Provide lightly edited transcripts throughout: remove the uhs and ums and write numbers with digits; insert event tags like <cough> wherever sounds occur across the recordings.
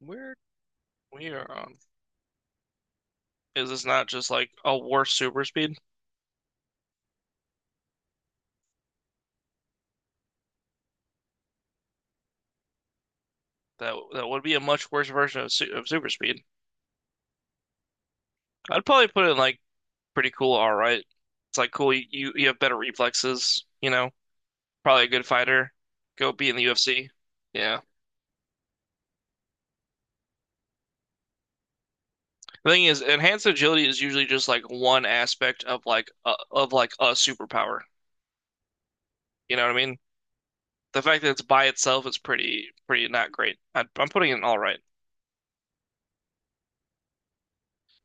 We're we are on. Is this not just like a worse super speed? That would be a much worse version of, su of super speed. I'd probably put it in like pretty cool. All right, it's like cool. You have better reflexes. Probably a good fighter. Go be in the UFC. Yeah. The thing is, enhanced agility is usually just like one aspect of of like a superpower. You know what I mean? The fact that it's by itself is pretty not great. I'm putting it in all right.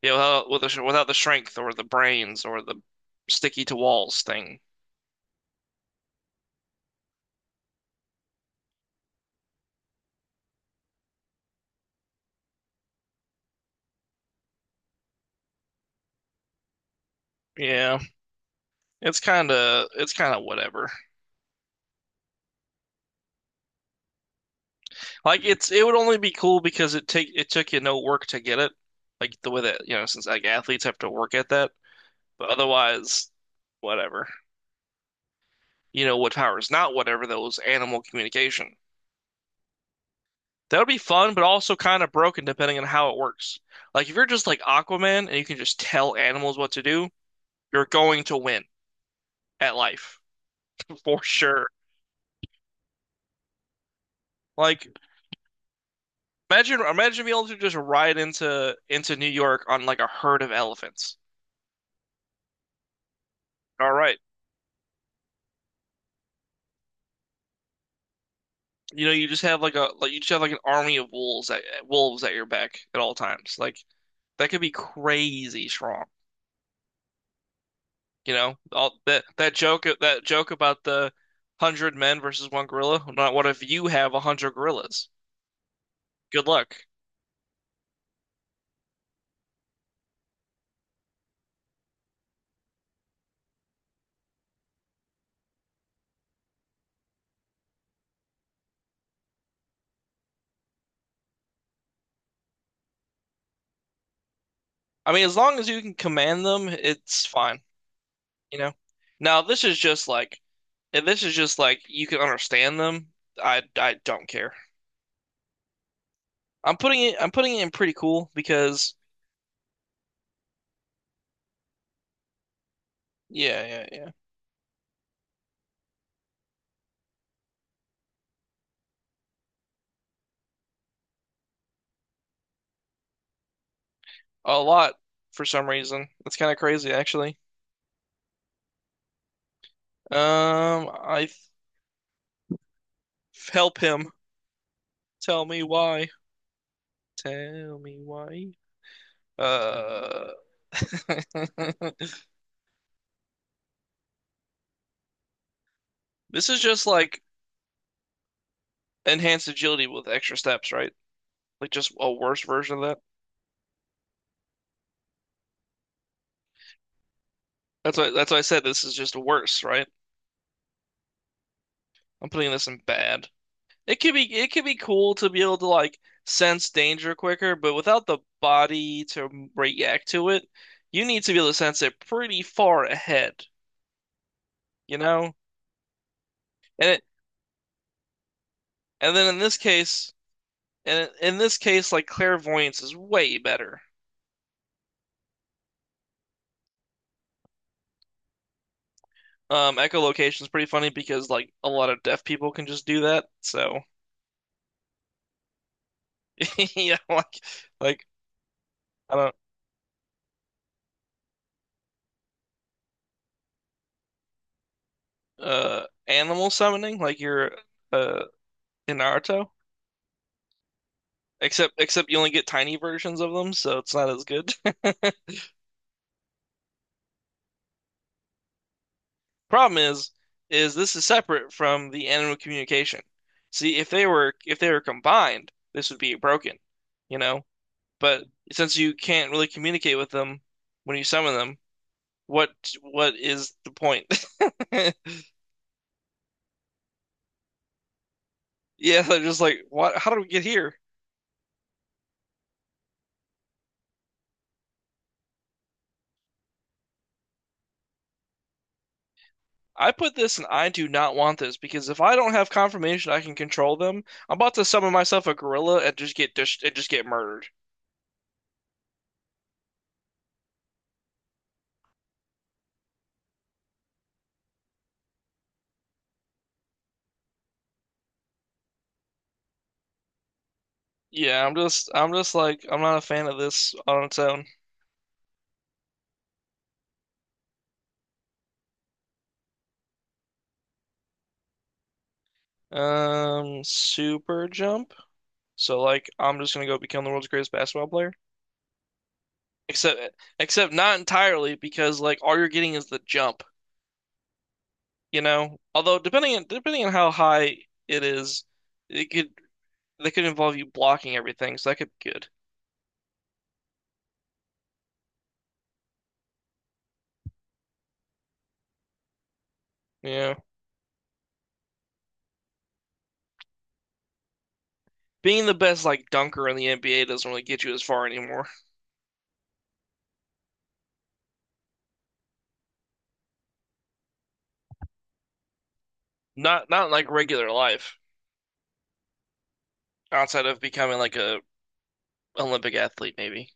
Yeah, without the strength or the brains or the sticky to walls thing. Yeah, it's kind of whatever. Like it would only be cool because it took you no work to get it. Like the way that, you know, since like athletes have to work at that, but otherwise whatever. You know what power is not whatever though? Is animal communication. That would be fun, but also kind of broken depending on how it works. Like if you're just like Aquaman and you can just tell animals what to do, you're going to win at life <laughs> for sure. Like imagine being able to just ride into New York on like a herd of elephants. All right. You know, you just have like a like you just have like an army of wolves at your back at all times. Like that could be crazy strong. You know, all that joke about the hundred men versus one gorilla. Not, what if you have a hundred gorillas? Good luck. I mean, as long as you can command them, it's fine. You know. Now this is just like, if this is just like you can understand them, I don't care. I'm putting it in pretty cool because yeah, yeah, yeah. A lot, for some reason. That's kind of crazy actually. I help him. Tell me why. Tell me why. Uh, <laughs> this is just like enhanced agility with extra steps, right? Like just a worse version of that. That's why I said this is just worse, right? I'm putting this in bad. It could be, cool to be able to like sense danger quicker, but without the body to react to it, you need to be able to sense it pretty far ahead, you know? And it, and then in this case, like clairvoyance is way better. Echolocation is pretty funny because like a lot of deaf people can just do that. So <laughs> yeah, like like I don't, uh, animal summoning, like you're uh in Naruto. Except you only get tiny versions of them, so it's not as good. <laughs> Problem is this is separate from the animal communication. See, if they were combined, this would be broken, you know? But since you can't really communicate with them when you summon them, what what is the point? <laughs> Yeah, they're just like, what? How did we get here? I put this and I do not want this, because if I don't have confirmation I can control them, I'm about to summon myself a gorilla and just get murdered. Yeah, I'm just like, I'm not a fan of this on its own. Super jump. So like I'm just gonna go become the world's greatest basketball player. Except except not entirely because like all you're getting is the jump, you know? Although depending on how high it is, it could that could involve you blocking everything, so that could be good. Yeah. Being the best like dunker in the NBA doesn't really get you as far anymore. Not in like regular life, outside of becoming like a Olympic athlete maybe.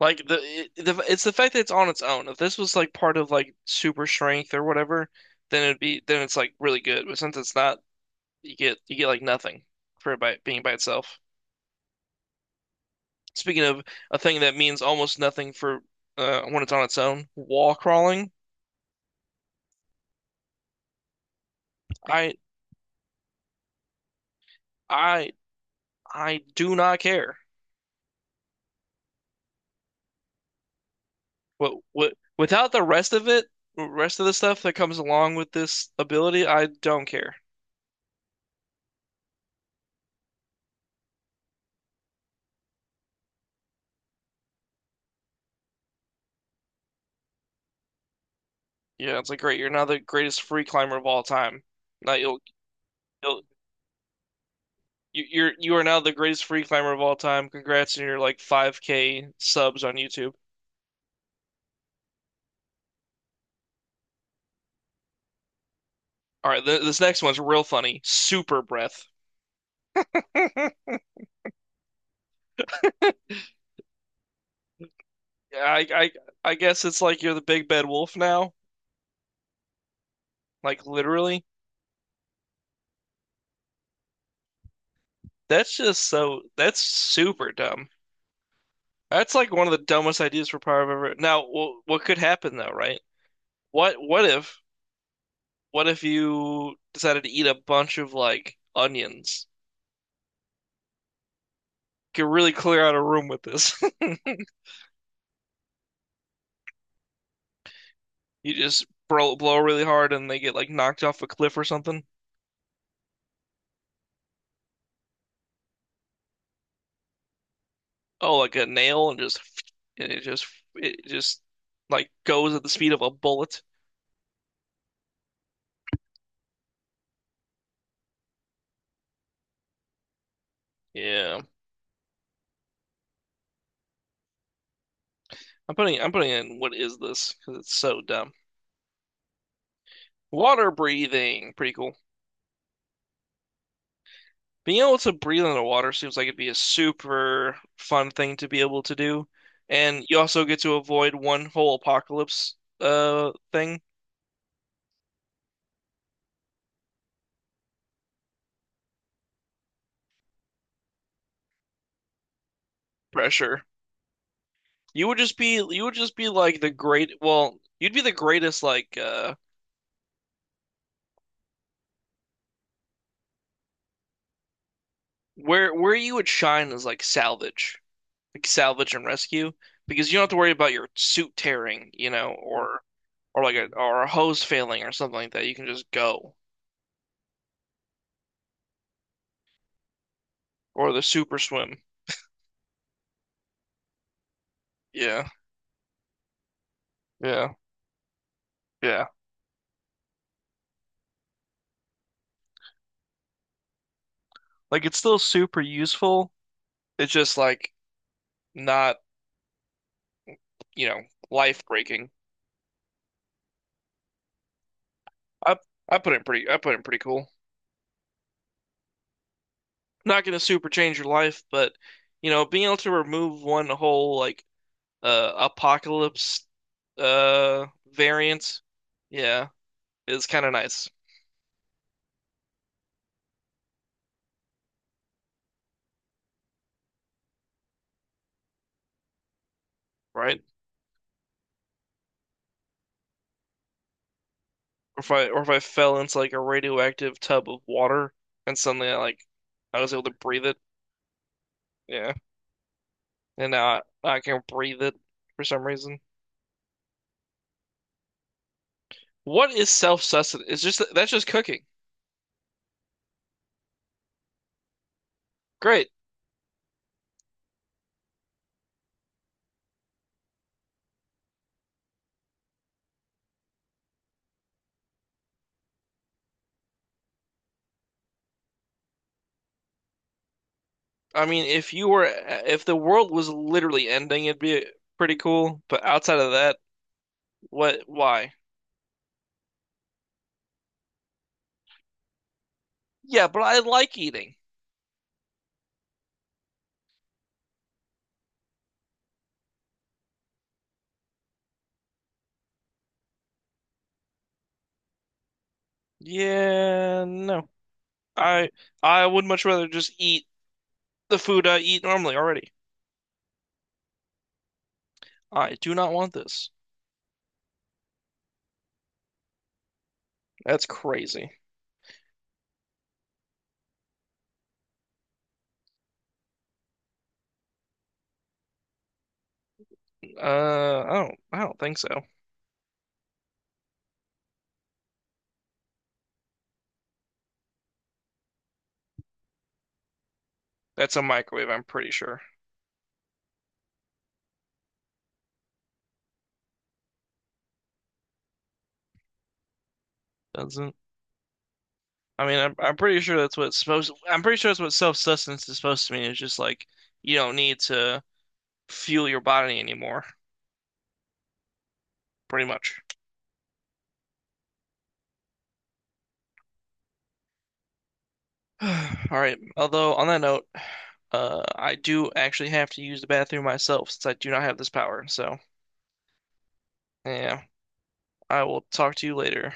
Like the, it, the it's the fact that it's on its own. If this was like part of like super strength or whatever, then it'd be then it's like really good. But since it's not, you get like nothing for it by being by itself. Speaking of a thing that means almost nothing for, when it's on its own, wall crawling. I I I do not care. What without the rest of it, rest of the stuff that comes along with this ability, I don't care. Yeah, it's like great. You're now the greatest free climber of all time. Now you'll You, you're You are now the greatest free climber of all time. Congrats on your like 5K subs on YouTube. All right, th this next one's real funny. Super breath. <laughs> I, I I guess it's like you're the big bad wolf now. Like literally. That's just so That's super dumb. That's like one of the dumbest ideas for power I've ever. Now, what could happen though, right? What what if what if you decided to eat a bunch of like onions? Could really clear out a room with this. <laughs> You just blow really hard and they get like knocked off a cliff or something. Oh, like a nail, and just and it just it just like goes at the speed of a bullet. Yeah. I'm putting in what is this? Because it's so dumb. Water breathing, pretty cool. Being able to breathe in the water seems like it'd be a super fun thing to be able to do. And you also get to avoid one whole apocalypse thing, pressure. You would just be like the great, well, you'd be the greatest like, uh, where where you would shine is like salvage and rescue, because you don't have to worry about your suit tearing, you know, or or like a hose failing or something like that. You can just go, or the super swim. Yeah, yeah, yeah. Like it's still super useful. It's just like not, you know, life breaking. I I put in pretty cool. Not gonna super change your life, but you know, being able to remove one whole like apocalypse uh variant. Yeah, it's kind of nice, right? Or if I fell into like a radioactive tub of water and suddenly I like I was able to breathe it. Yeah, and now I can breathe it for some reason. What is self-sustenance? It's just that's just cooking. Great. I mean, if you were if the world was literally ending, it'd be pretty cool. But outside of that, what? Why? Yeah, but I like eating. Yeah, no. I I would much rather just eat the food I eat normally already. I do not want this. That's crazy. I don't think so. That's a microwave, I'm pretty sure. Doesn't. I mean, I'm pretty sure that's what it's supposed I'm pretty sure that's what self-sustenance is supposed to mean. It's just like you don't need to fuel your body anymore, pretty much. <sighs> All right. Although on that note, I do actually have to use the bathroom myself since I do not have this power. So, yeah, I will talk to you later.